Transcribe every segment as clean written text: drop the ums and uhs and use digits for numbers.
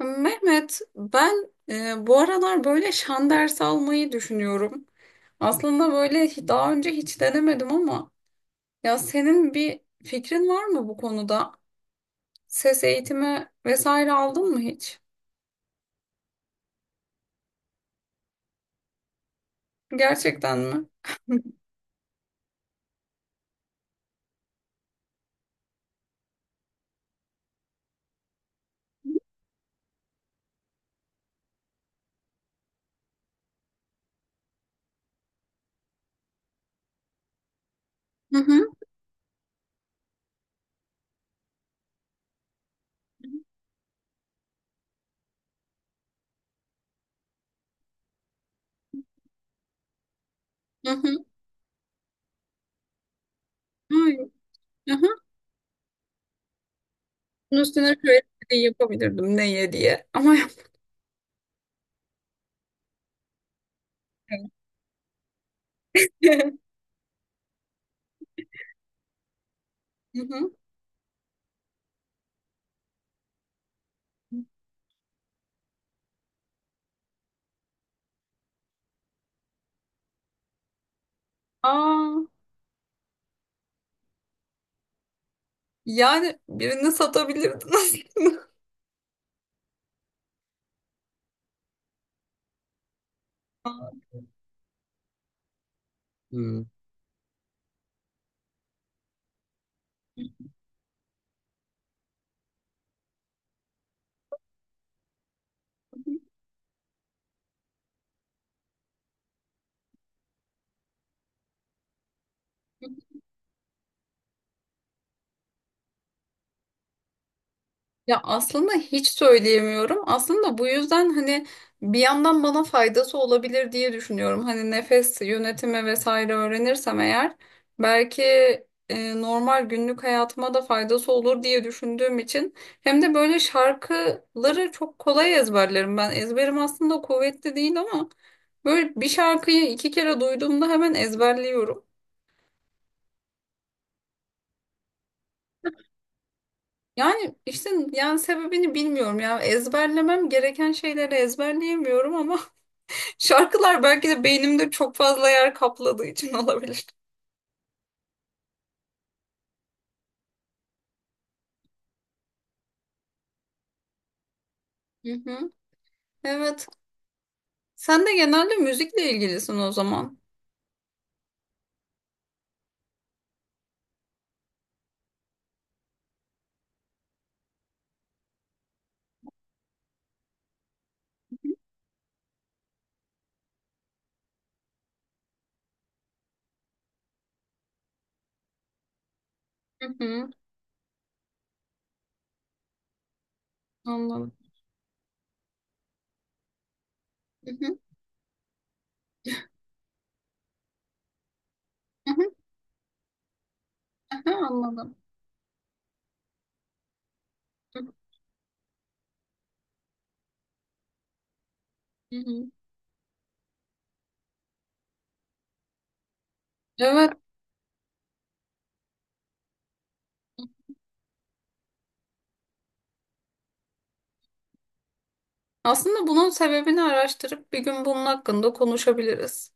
Mehmet, ben bu aralar böyle şan dersi almayı düşünüyorum. Aslında böyle daha önce hiç denemedim ama ya senin bir fikrin var mı bu konuda? Ses eğitimi vesaire aldın mı hiç? Gerçekten mi? Hı hı, hı hı. Ay, hı hı. Bunun üstüne şöyle bir şey yapabilirdim neye diye ama yapmadım. Hı hı. Aa, yani birini satabilirdin aslında. Aa. Ya aslında hiç söyleyemiyorum. Aslında bu yüzden hani bir yandan bana faydası olabilir diye düşünüyorum. Hani nefes yönetimi vesaire öğrenirsem eğer belki normal günlük hayatıma da faydası olur diye düşündüğüm için hem de böyle şarkıları çok kolay ezberlerim ben. Ezberim aslında kuvvetli değil ama böyle bir şarkıyı iki kere duyduğumda hemen ezberliyorum. Yani işte yani sebebini bilmiyorum ya. Ezberlemem gereken şeyleri ezberleyemiyorum ama şarkılar belki de beynimde çok fazla yer kapladığı için olabilir. Hı hı. Evet. Sen de genelde müzikle ilgilisin o zaman. Hı hı. Anladım. Hı hı. Hı hı. Aha, anladım. Hı hı. Hı. Hı. Evet. Aslında bunun sebebini araştırıp bir gün bunun hakkında konuşabiliriz.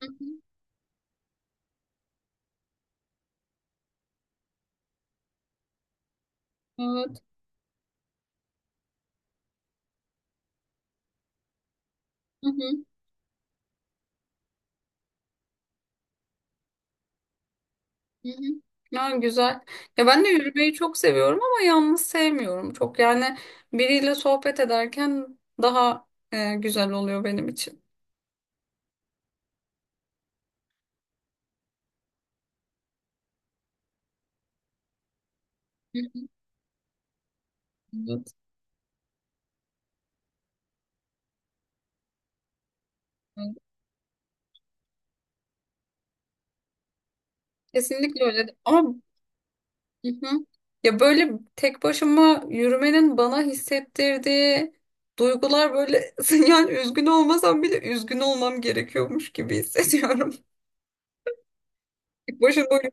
Hı hı. Evet. Hı hı. Hı hı. Ya güzel. Ya ben de yürümeyi çok seviyorum ama yalnız sevmiyorum çok. Yani biriyle sohbet ederken daha güzel oluyor benim için. Hı hı. Evet. Kesinlikle öyle. Ama hı hı. Ya böyle tek başıma yürümenin bana hissettirdiği duygular böyle yani üzgün olmasam bile üzgün olmam gerekiyormuş gibi hissediyorum. Tek başına böyle.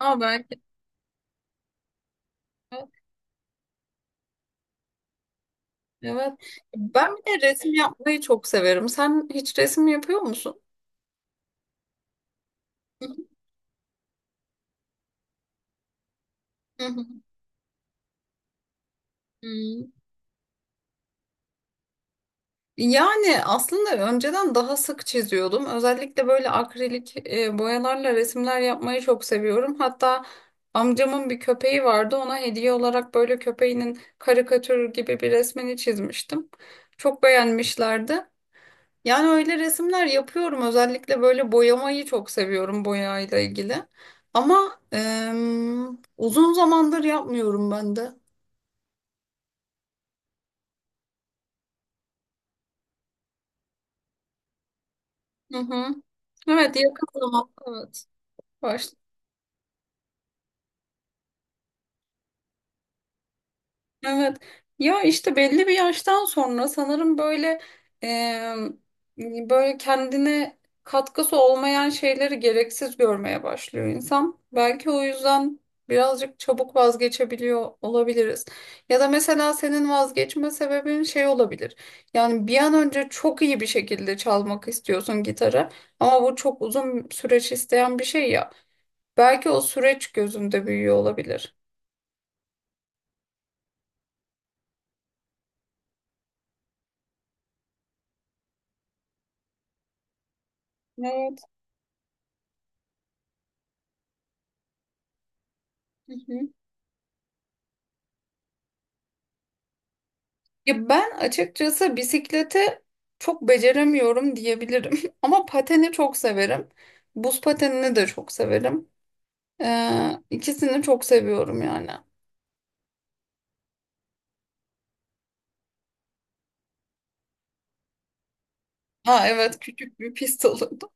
Aa, belki de. Evet. Ben bir de resim yapmayı çok severim. Sen hiç resim yapıyor musun? Hı hı. Hı hı. Hmm. Yani aslında önceden daha sık çiziyordum. Özellikle böyle akrilik boyalarla resimler yapmayı çok seviyorum. Hatta amcamın bir köpeği vardı. Ona hediye olarak böyle köpeğinin karikatür gibi bir resmini çizmiştim. Çok beğenmişlerdi. Yani öyle resimler yapıyorum. Özellikle böyle boyamayı çok seviyorum boyayla ilgili. Ama uzun zamandır yapmıyorum ben de. Hı hı. Evet, yakın zaman. Evet. Başladım. Evet. Ya işte belli bir yaştan sonra sanırım böyle e, böyle kendine katkısı olmayan şeyleri gereksiz görmeye başlıyor insan. Belki o yüzden birazcık çabuk vazgeçebiliyor olabiliriz. Ya da mesela senin vazgeçme sebebin şey olabilir. Yani bir an önce çok iyi bir şekilde çalmak istiyorsun gitarı ama bu çok uzun süreç isteyen bir şey ya. Belki o süreç gözümde büyüyor olabilir. Evet. Hı hı. Ya ben açıkçası bisiklete çok beceremiyorum diyebilirim. Ama pateni çok severim. Buz patenini de çok severim. İkisini çok seviyorum yani. Ha evet, küçük bir pist olurdu.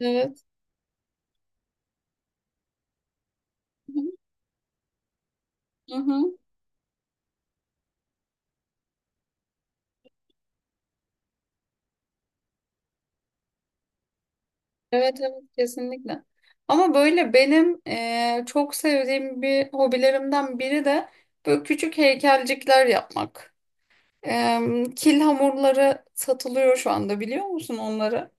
Evet. Hı hı. Evet, evet, kesinlikle. Ama böyle benim çok sevdiğim bir hobilerimden biri de böyle küçük heykelcikler yapmak. Eee, kil hamurları satılıyor şu anda, biliyor musun onları?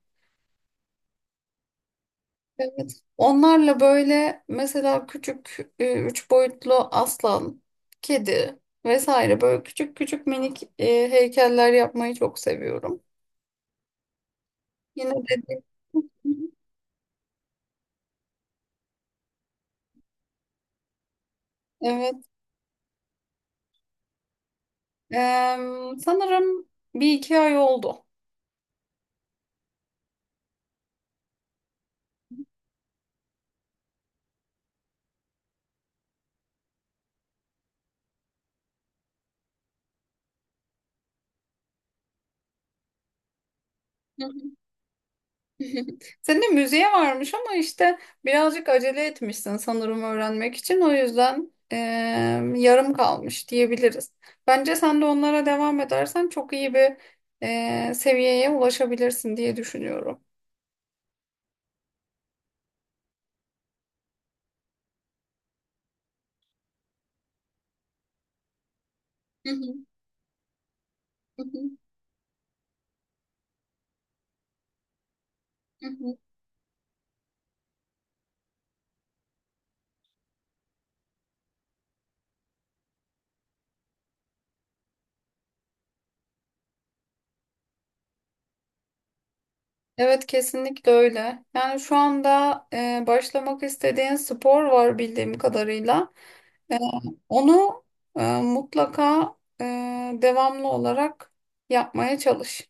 Evet. Onlarla böyle mesela küçük üç boyutlu aslan, kedi vesaire böyle küçük küçük minik heykeller yapmayı çok seviyorum. Yine dediğim Evet. Eee, sanırım bir iki ay oldu. Senin de müziğe varmış ama işte birazcık acele etmişsin sanırım öğrenmek için. O yüzden yarım kalmış diyebiliriz. Bence sen de onlara devam edersen çok iyi bir seviyeye ulaşabilirsin diye düşünüyorum. Hı hı, hı hı, hı hı. Evet, kesinlikle öyle. Yani şu anda başlamak istediğin spor var bildiğim kadarıyla. Eee, onu mutlaka devamlı olarak yapmaya çalış.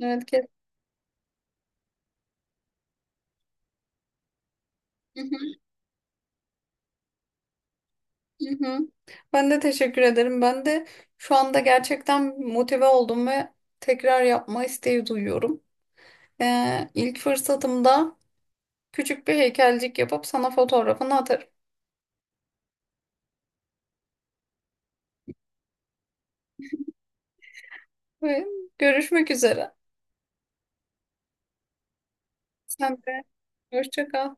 Evet. Hı hı, hı hı. Ben de teşekkür ederim. Ben de şu anda gerçekten motive oldum ve tekrar yapma isteği duyuyorum. İlk fırsatımda küçük bir heykelcik yapıp sana fotoğrafını atarım. Ve görüşmek üzere. Sen de hoşça kal.